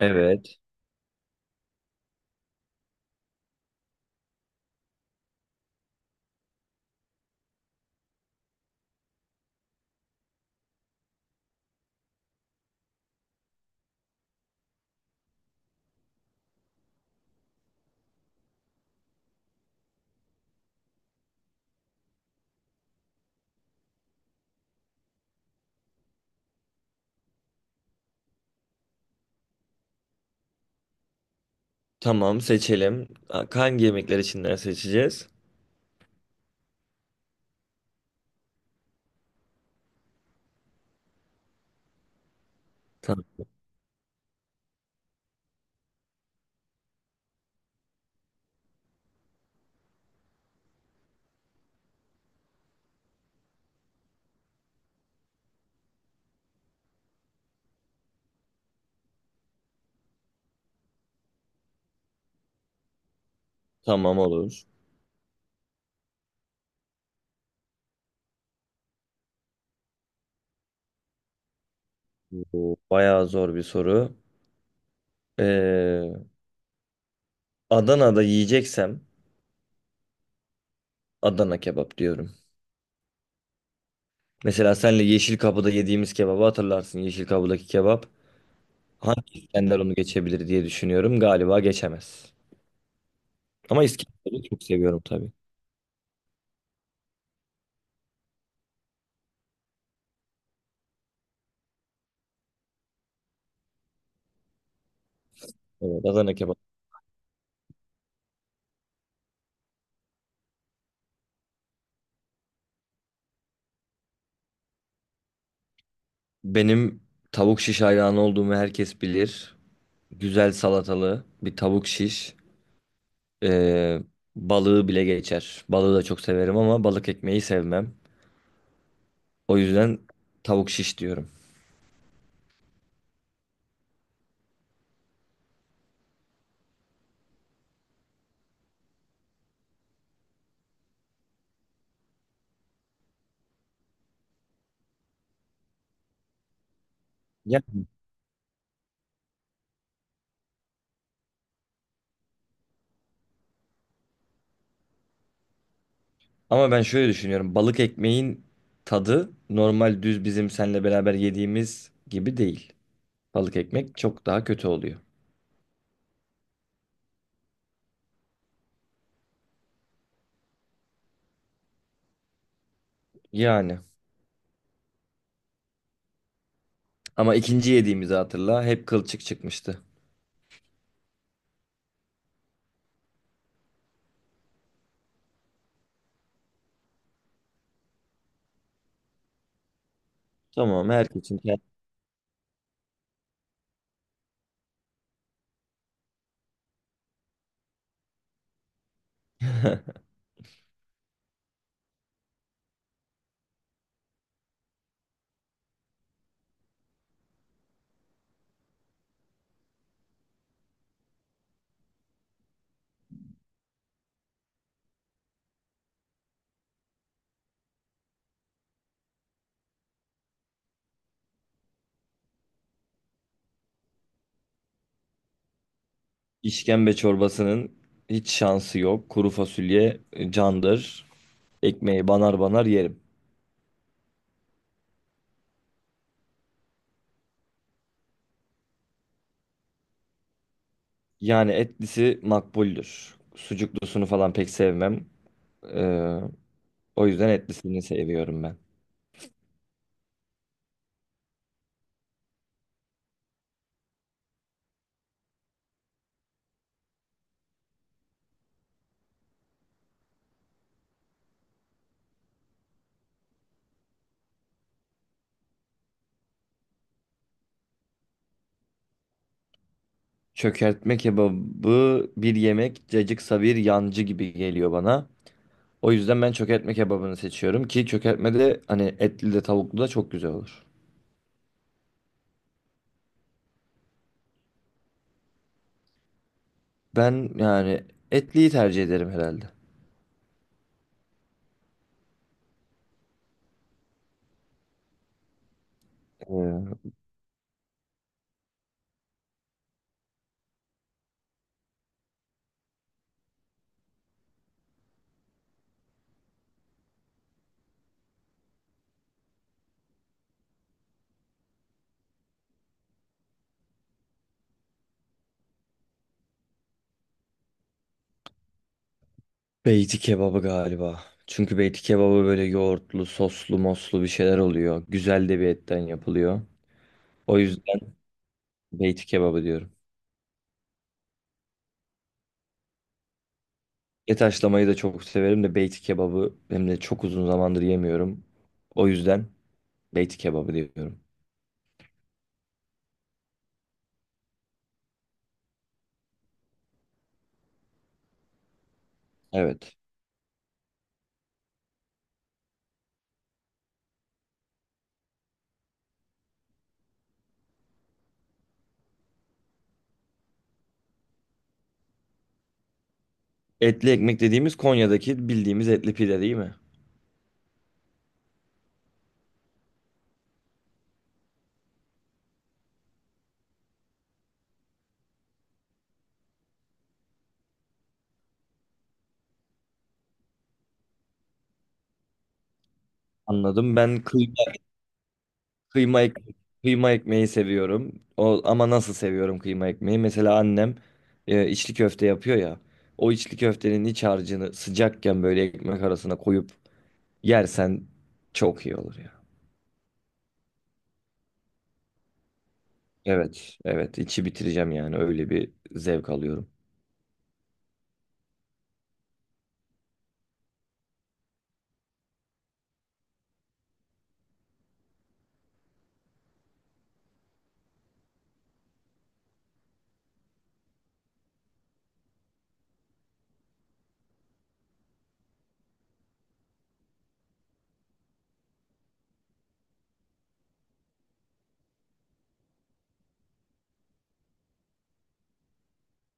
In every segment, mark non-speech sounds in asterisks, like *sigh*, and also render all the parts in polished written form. Evet. Tamam seçelim. Ha, hangi yemekler içinden seçeceğiz? Tamam, tamam olur. Bu bayağı zor bir soru. Ee, Adana'da yiyeceksem Adana kebap diyorum. Mesela senle Yeşil Kapı'da yediğimiz kebabı hatırlarsın. Yeşil Kapı'daki kebap. Hangi İskender onu geçebilir diye düşünüyorum. Galiba geçemez. Ama İskender'i çok seviyorum tabii. Evet, Adana kebap. Benim tavuk şiş hayranı olduğumu herkes bilir. Güzel salatalı bir tavuk şiş. Ee, balığı bile geçer. Balığı da çok severim ama balık ekmeği sevmem. O yüzden tavuk şiş diyorum. Ya, ama ben şöyle düşünüyorum. Balık ekmeğin tadı normal düz bizim seninle beraber yediğimiz gibi değil. Balık ekmek çok daha kötü oluyor. Yani. Ama ikinci yediğimizi hatırla. Hep kılçık çıkmıştı. Tamam, herkesin kendi- *laughs* İşkembe çorbasının hiç şansı yok. Kuru fasulye candır. Ekmeği banar banar yerim. Yani etlisi makbuldür. Sucuklusunu falan pek sevmem. Ee, o yüzden etlisini seviyorum ben. Çökertme kebabı bir yemek, cacıksa bir yancı gibi geliyor bana. O yüzden ben çökertme kebabını seçiyorum ki çökertme de hani etli de tavuklu da çok güzel olur. Ben yani etliyi tercih ederim herhalde. Ee, Beyti kebabı galiba. Çünkü beyti kebabı böyle yoğurtlu, soslu, moslu bir şeyler oluyor. Güzel de bir etten yapılıyor. O yüzden beyti kebabı diyorum. Et haşlamayı da çok severim de beyti kebabı hem de çok uzun zamandır yemiyorum. O yüzden beyti kebabı diyorum. Evet. Etli ekmek dediğimiz Konya'daki bildiğimiz etli pide değil mi? Anladım. Ben kıyma, kıyma, ek- Kıyma ekmeği seviyorum. O, ama nasıl seviyorum kıyma ekmeği? Mesela annem içli köfte yapıyor ya. O içli köftenin iç harcını sıcakken böyle ekmek arasına koyup yersen çok iyi olur ya. Evet, evet. içi bitireceğim yani. Öyle bir zevk alıyorum.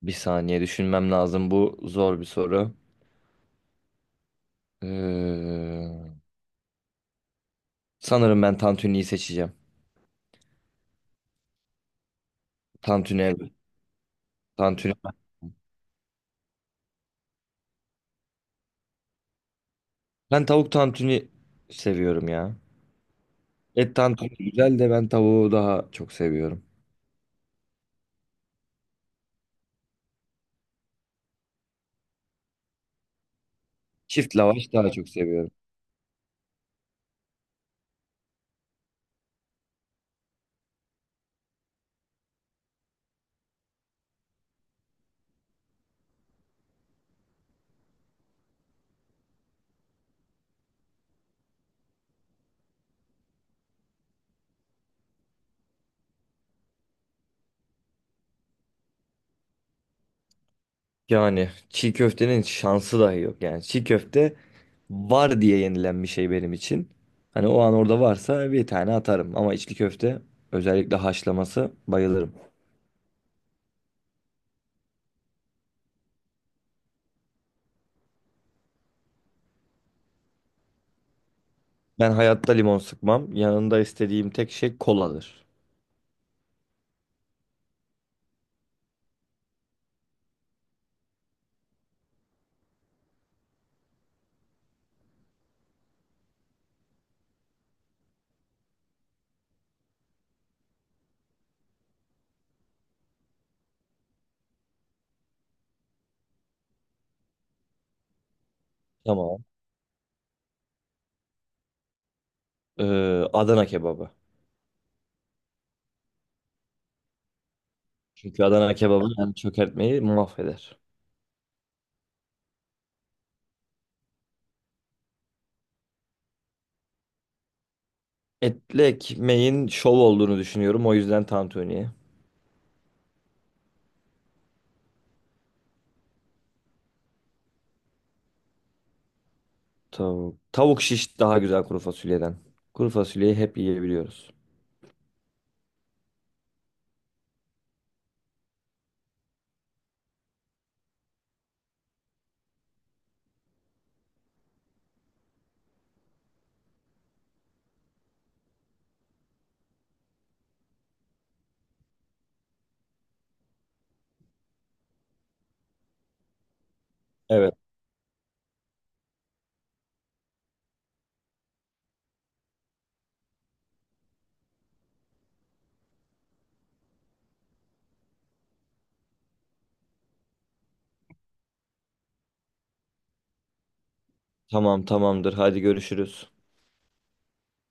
Bir saniye düşünmem lazım. Bu zor bir soru. Ee, sanırım ben tantuniyi seçeceğim. Tantuni. Evet. Tantuni. Ben tavuk tantuni seviyorum ya. Et tantuni güzel de ben tavuğu daha çok seviyorum. Çift lavaş daha çok seviyorum. Yani çiğ köftenin şansı dahi yok. Yani çiğ köfte var diye yenilen bir şey benim için. Hani o an orada varsa bir tane atarım. Ama içli köfte özellikle haşlaması bayılırım. Ben hayatta limon sıkmam. Yanında istediğim tek şey koladır. Tamam. Ee, Adana kebabı. Çünkü Adana kebabı yani çökertmeyi mahveder. Etli ekmeğin şov olduğunu düşünüyorum. O yüzden tantuniye. Tavuk. Tavuk şiş daha güzel kuru fasulyeden. Kuru fasulyeyi hep yiyebiliyoruz. Evet. Tamam tamamdır. Hadi görüşürüz.